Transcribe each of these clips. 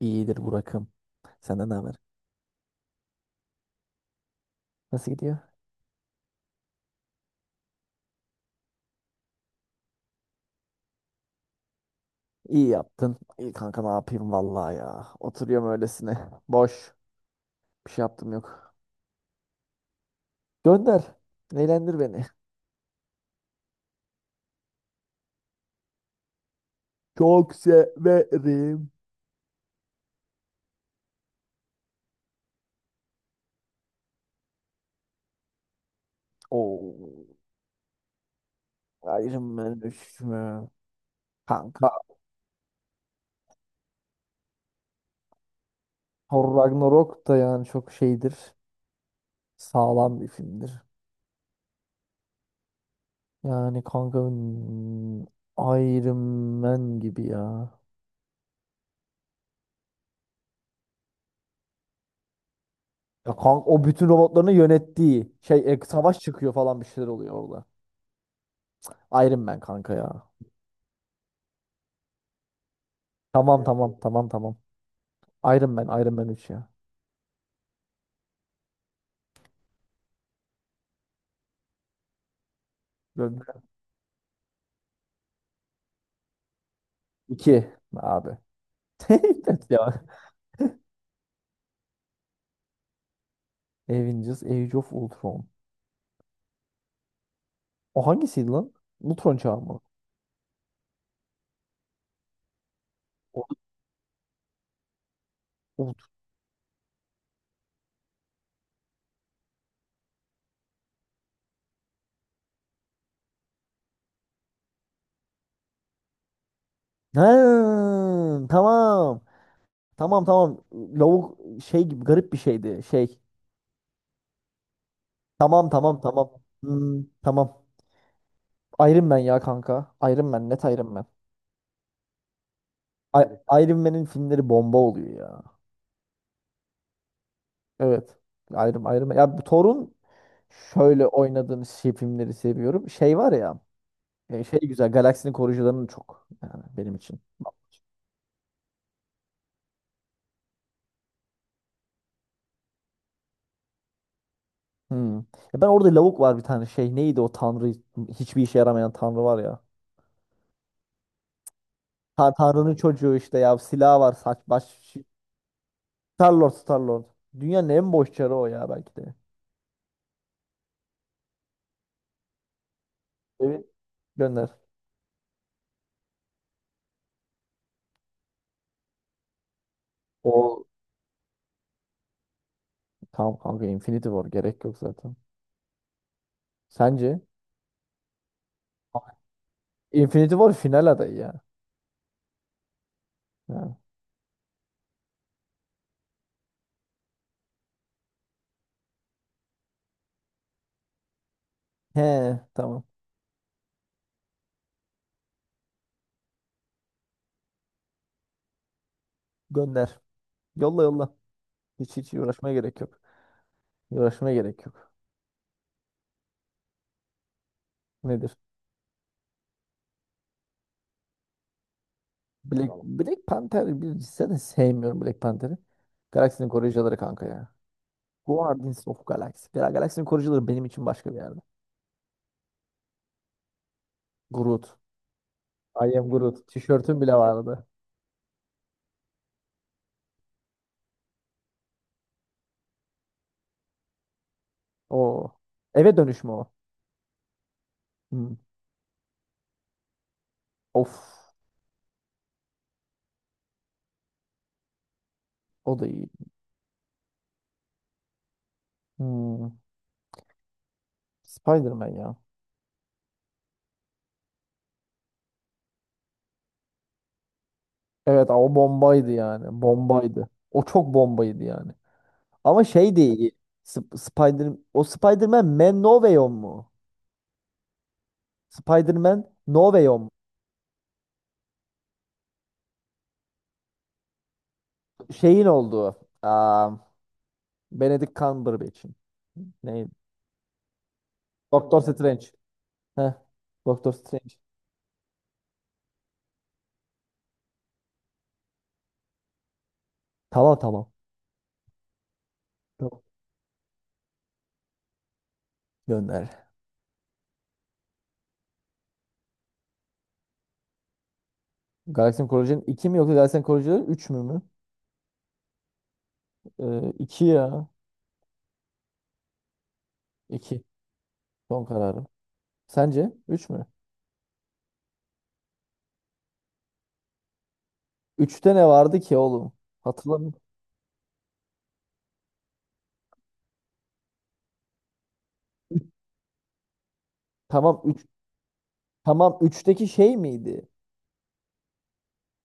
İyidir Burak'ım. Senden ne haber? Nasıl gidiyor? İyi yaptın. İyi kanka ne yapayım vallahi ya. Oturuyorum öylesine. Boş. Bir şey yaptım yok. Gönder. Eğlendir beni. Çok severim. Oo. Iron Man 3 mü? Kanka Thor Ragnarok da yani çok şeydir. Sağlam bir filmdir. Yani kanka Iron Man gibi ya. Ya kanka o bütün robotlarını yönettiği şey savaş çıkıyor falan bir şeyler oluyor orada. Iron Man kanka ya. Tamam tamam tamam tamam. Iron Man Iron Man 3 ya. Böyle abi. Evet ya. Avengers Age of Ultron. O hangisiydi lan? Ultron çağı mı? O- Ult- Ha, tamam. Tamam tamam. Lavuk şey gibi garip bir şeydi. Şey. Tamam tamam tamam. Hmm, tamam. Iron Man ya kanka. Iron Man net Iron Man. Iron Man'in filmleri bomba oluyor ya. Evet. Ayrım ayrım. Ya bu Thor'un şöyle oynadığını şey filmleri seviyorum. Şey var ya. Şey güzel. Galaksinin koruyucularının çok. Yani benim için. Hmm. Ya ben orada lavuk var bir tane şey. Neydi o tanrı? Hiçbir işe yaramayan tanrı var ya. Tanrının çocuğu işte ya. Silah var. Saç baş. Star-Lord Star-Lord. Dünyanın en boş çarı o ya belki de. Evet. Gönder. O tamam kanka, Infinity War gerek yok zaten. Sence? Infinity War final adayı ya. Ha. He, tamam. Gönder. Yolla yolla. Hiç hiç uğraşmaya gerek yok. Uğraşmaya gerek yok. Nedir? Tamam. Black Panther bir zaten, sevmiyorum Black Panther'ı. Galaksinin koruyucuları kanka ya. Guardians of Galaxy. Galaksinin koruyucuları benim için başka bir yerde. Groot. I am Groot. Tişörtüm bile vardı. O. Eve dönüşme o. Hmm. Of. O da iyi. Hmm. Spider-Man ya. Evet, o bombaydı yani. Bombaydı. O çok bombaydı yani. Ama şey değil. Spider-Man Man No Way Home mu? Spider-Man No Way Home. Şeyin olduğu. Aa, Benedict Cumberbatch'in. Neydi? Doctor Strange. Heh. Doctor Strange. Tamam tamam. Tamam. Gönder. Galaxy Koleji'nin iki mi yoksa Galaxy Koleji'nin 3 mü? 2 ya. 2. Son kararım. Sence üç mü? Üç'te ne vardı ki oğlum? Hatırlamıyorum. Tamam, 3. Tamam, üçteki şey miydi?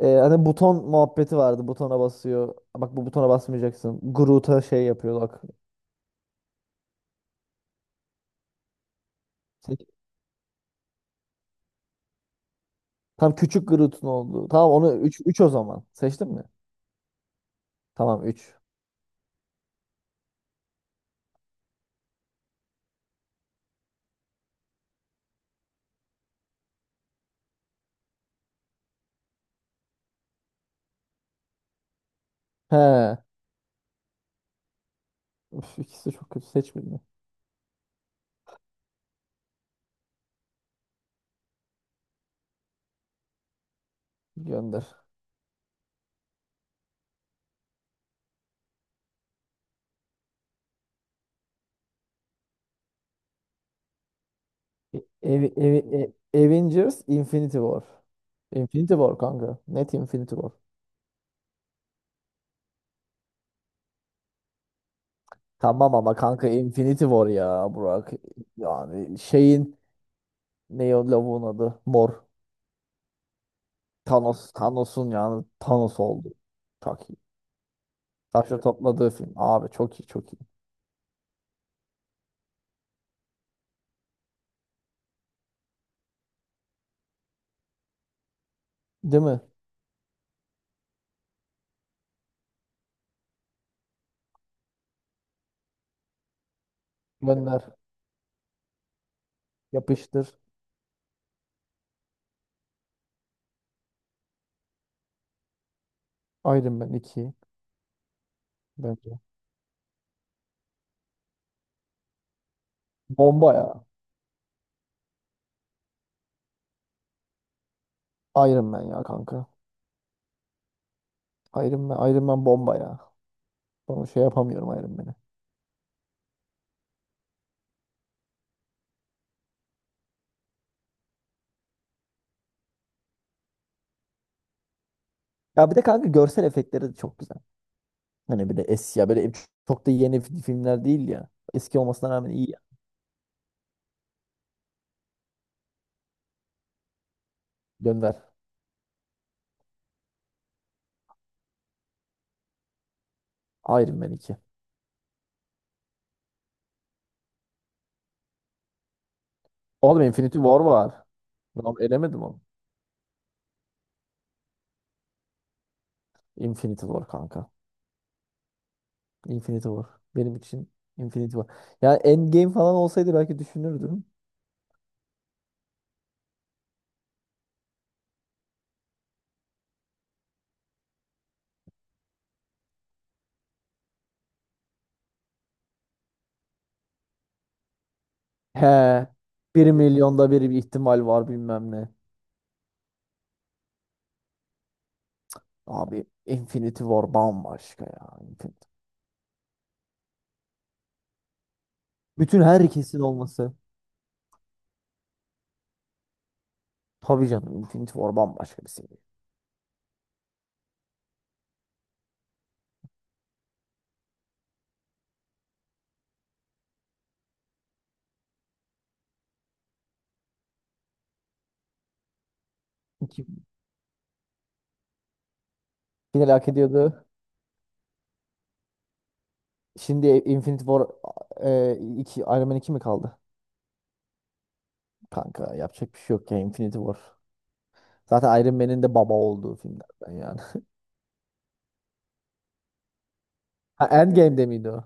Hani buton muhabbeti vardı. Butona basıyor. Bak, bu butona basmayacaksın. Groot'a şey yapıyor, bak. Seç- Tam küçük Groot'un oldu. Tamam, onu üç, 3 o zaman. Seçtin mi? Tamam, üç. He. Üf, ikisi çok kötü, seçmedi. Gönder. E- Evi, evi, Avengers Infinity War. Infinity War kanka. Net Infinity War. Tamam ama kanka Infinity War ya, Burak. Yani şeyin, ne o lavuğun adı? Mor. Thanos. Thanos'un yani, Thanos oldu. Çok iyi. Taşla topladığı film. Abi çok iyi, çok iyi. Değil mi? Gönder. Yapıştır. Iron Man iki. Bence. Bomba ya. Iron Man ya kanka. Iron Man, Iron Man bomba ya. Bunu şey yapamıyorum, Iron Man'i. Ya bir de kanka görsel efektleri de çok güzel. Hani bir de eski ya böyle, çok da yeni filmler değil ya. Eski olmasına rağmen iyi ya. Gönder. Iron Man iki. Oğlum, Infinity War var. Ben elemedim onu. Infinity War kanka. Infinity War. Benim için Infinity War. Yani Endgame falan olsaydı belki düşünürdüm. He. Bir milyonda bir ihtimal var bilmem ne. Abi Infinity War bambaşka ya. Infinity. Bütün herkesin olması. Tabii canım, Infinity War bambaşka bir seviye. İki, final hak ediyordu. Şimdi Infinity War, iki, Iron Man iki mi kaldı? Kanka yapacak bir şey yok ya, Infinity War. Zaten Iron Man'in de baba olduğu filmlerden yani. Ha, Endgame'de miydi o?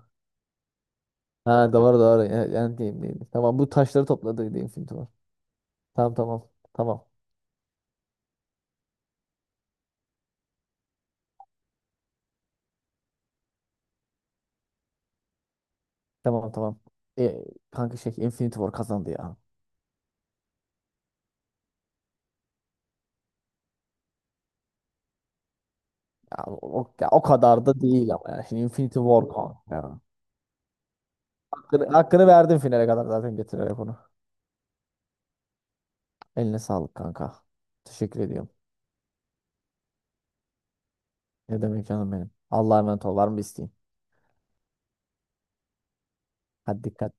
Ha, doğru doğru. Endgame'deydi. Tamam, bu taşları topladıydı Infinity War. Tamam tamam. Tamam. Tamam tamam. E, kanka şey Infinity War kazandı ya. Ya o, ya o kadar da değil ama ya. Şimdi Infinity War kanka. Ya. Hakkını, hakkını verdim finale kadar zaten, getirerek onu. Eline sağlık kanka. Teşekkür ediyorum. Ne demek canım benim. Allah'a emanet ol. Var mı bir isteğin? Hadi, dikkat.